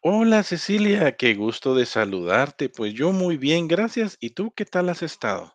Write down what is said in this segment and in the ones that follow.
Hola Cecilia, qué gusto de saludarte. Pues yo muy bien, gracias. ¿Y tú qué tal has estado?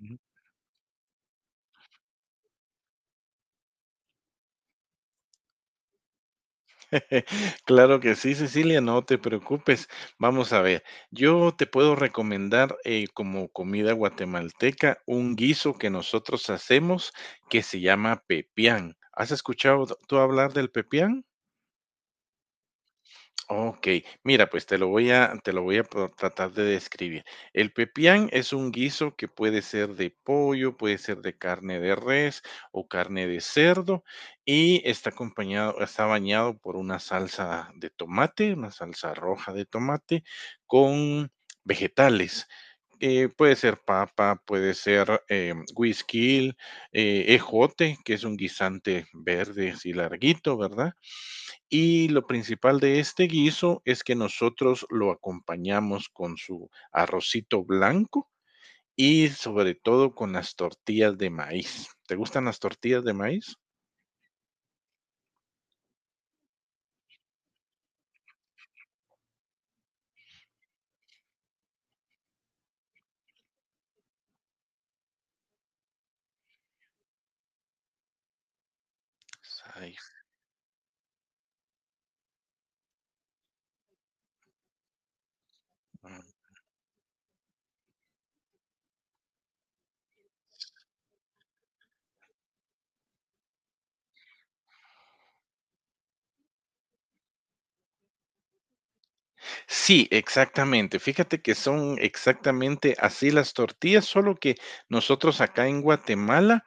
Ujú. Claro que sí, Cecilia, no te preocupes. Vamos a ver, yo te puedo recomendar como comida guatemalteca un guiso que nosotros hacemos que se llama pepián. ¿Has escuchado tú hablar del pepián? Ok, mira, pues te lo voy a te lo voy a pro tratar de describir. El pepián es un guiso que puede ser de pollo, puede ser de carne de res o carne de cerdo, y está bañado por una salsa de tomate, una salsa roja de tomate con vegetales, puede ser papa, puede ser, güisquil, ejote, que es un guisante verde así larguito, ¿verdad? Y lo principal de este guiso es que nosotros lo acompañamos con su arrocito blanco y sobre todo con las tortillas de maíz. ¿Te gustan las tortillas de maíz? Sai- mm, Sí, exactamente. Fíjate que son exactamente así las tortillas, solo que nosotros acá en Guatemala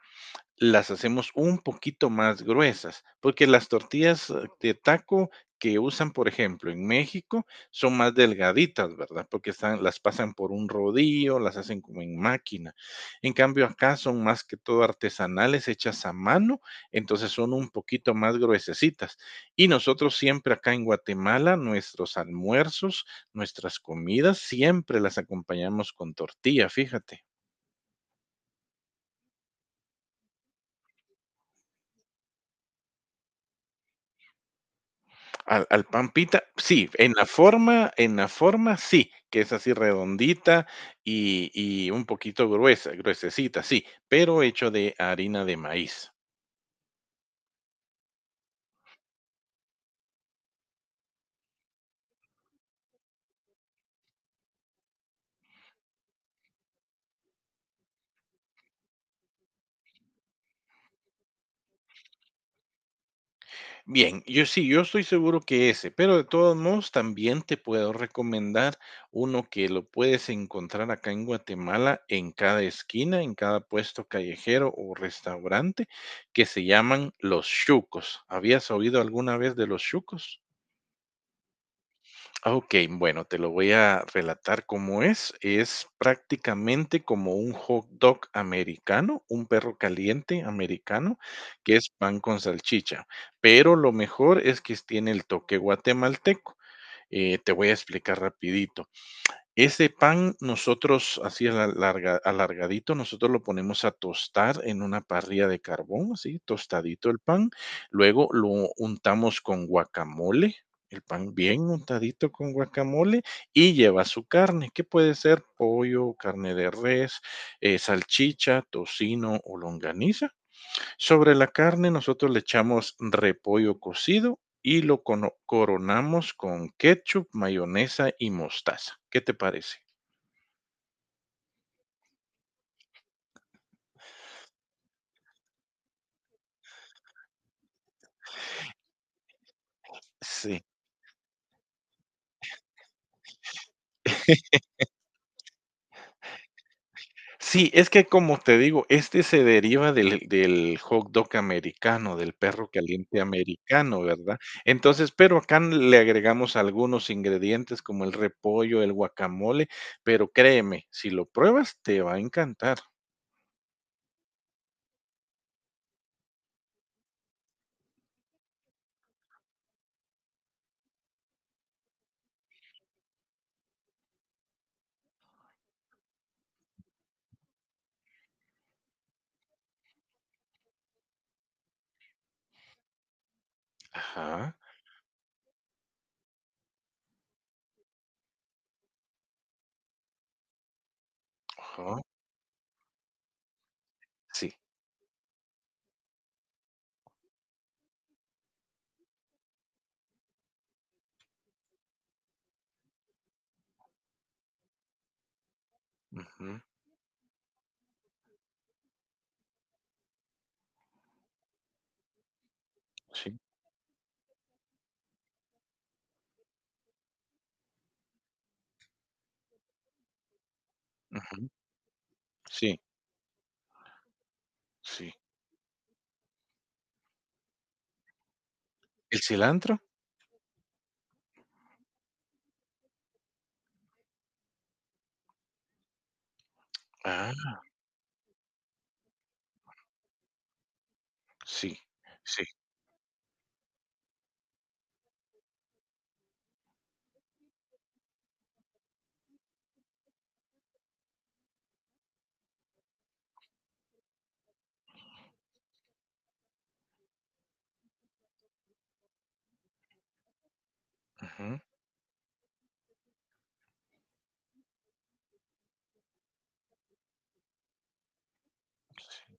las hacemos un poquito más gruesas, porque las tortillas de taco que usan, por ejemplo, en México, son más delgaditas, ¿verdad? Porque están, las pasan por un rodillo, las hacen como en máquina. En cambio, acá son más que todo artesanales, hechas a mano, entonces son un poquito más gruesecitas. Y nosotros siempre acá en Guatemala, nuestros almuerzos, nuestras comidas, siempre las acompañamos con tortilla, fíjate. Al pan pita, sí, en la forma sí, que es así redondita y un poquito gruesa, gruesecita, sí, pero hecho de harina de maíz. Bien, yo sí, yo estoy seguro que ese, pero de todos modos también te puedo recomendar uno que lo puedes encontrar acá en Guatemala, en cada esquina, en cada puesto callejero o restaurante, que se llaman los chucos. ¿Habías oído alguna vez de los chucos? Ok, bueno, te lo voy a relatar cómo es. Es prácticamente como un hot dog americano, un perro caliente americano, que es pan con salchicha. Pero lo mejor es que tiene el toque guatemalteco. Te voy a explicar rapidito. Ese pan nosotros así alargadito, nosotros lo ponemos a tostar en una parrilla de carbón, así tostadito el pan. Luego lo untamos con guacamole, el pan bien untadito con guacamole y lleva su carne, que puede ser pollo, carne de res, salchicha, tocino o longaniza. Sobre la carne nosotros le echamos repollo cocido y lo cono coronamos con ketchup, mayonesa y mostaza. ¿Qué te parece? Sí, sí, es que como te digo, este se deriva del hot dog americano, del perro caliente americano, ¿verdad? Entonces, pero acá le agregamos algunos ingredientes como el repollo, el guacamole, pero créeme, si lo pruebas te va a encantar. Ajá, ajá, sí, ujú, sí, ujú, sí, sí. ¿El cilantro? Ah, sí, sí, ujú, sí,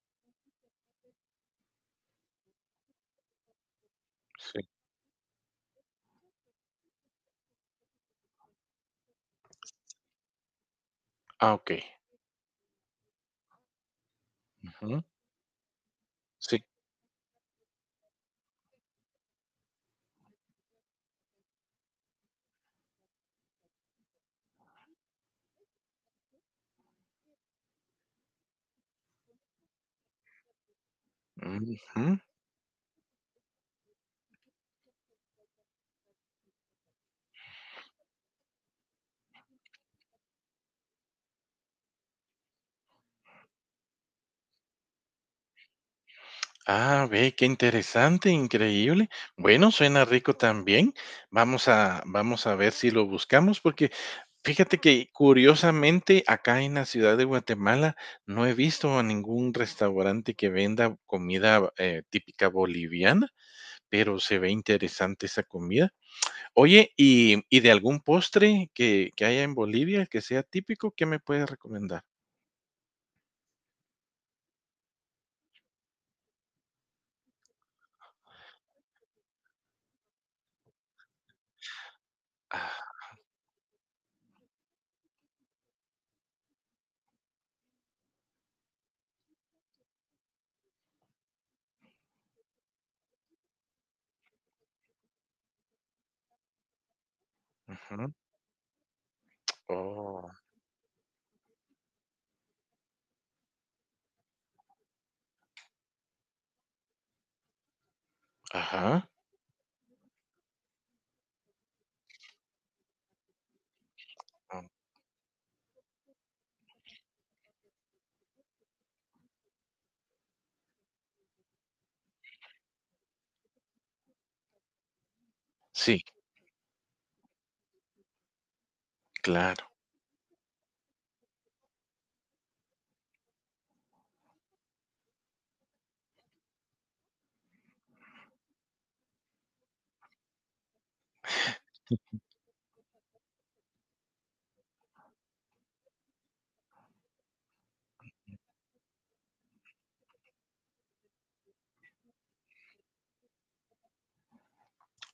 sí. Ah, okey, ujú, sí, ujú. Ah, ve, qué interesante, increíble. Bueno, suena rico también. Vamos a ver si lo buscamos, porque fíjate que curiosamente acá en la ciudad de Guatemala no he visto a ningún restaurante que venda comida típica boliviana, pero se ve interesante esa comida. Oye, y de algún postre que haya en Bolivia que sea típico, qué me puedes recomendar? Ujú. Oh, ajá. Mm, sí, claro.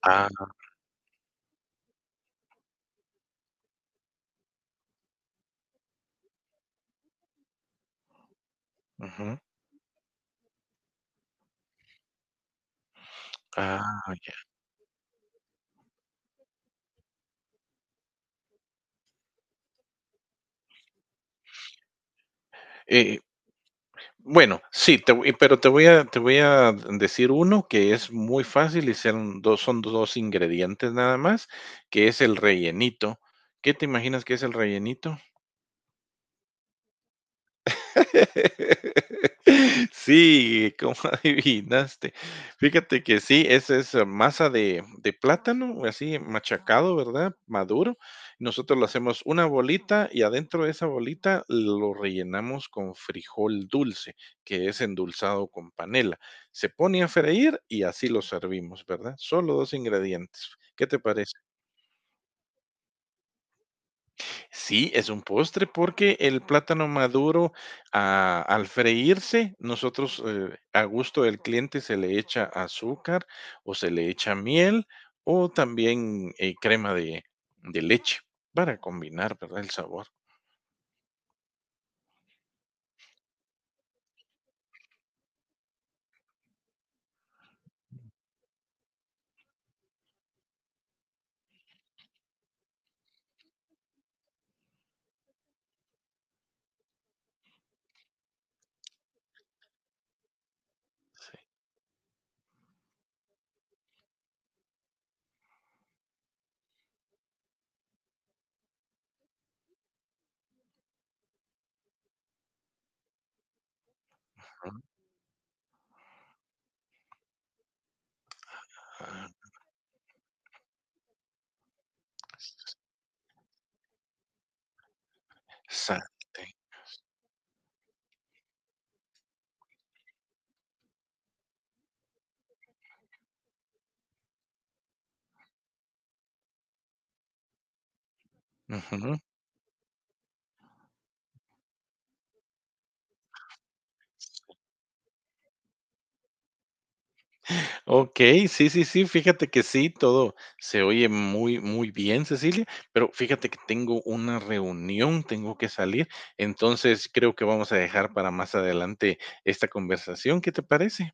Ah, ujú. Ah, ya. Eh, bueno, sí, te voy a decir uno que es muy fácil y son 2 ingredientes nada más, que es el rellenito. ¿Qué te imaginas que es el rellenito? Sí, ¿cómo adivinaste? Fíjate que sí, esa es masa de, plátano, así machacado, ¿verdad? Maduro. Nosotros lo hacemos una bolita y adentro de esa bolita lo rellenamos con frijol dulce, que es endulzado con panela. Se pone a freír y así lo servimos, ¿verdad? Solo dos ingredientes. ¿Qué te parece? Sí, es un postre porque el plátano maduro, ah, al freírse, nosotros, a gusto del cliente se le echa azúcar o se le echa miel o también, crema de leche para combinar, ¿verdad?, el sabor. Sí. Exacte. Okey, sí, sí, sí, fíjate que sí, todo se oye muy, muy bien, Cecilia, pero fíjate que tengo una reunión, tengo que salir, entonces creo que vamos a dejar para más adelante esta conversación, ¿qué te parece?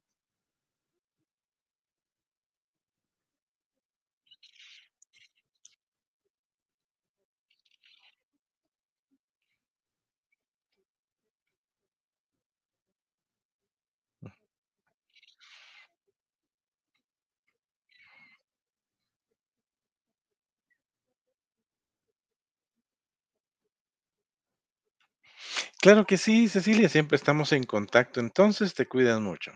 Claro que sí, Cecilia, siempre estamos en contacto, entonces te cuidas mucho.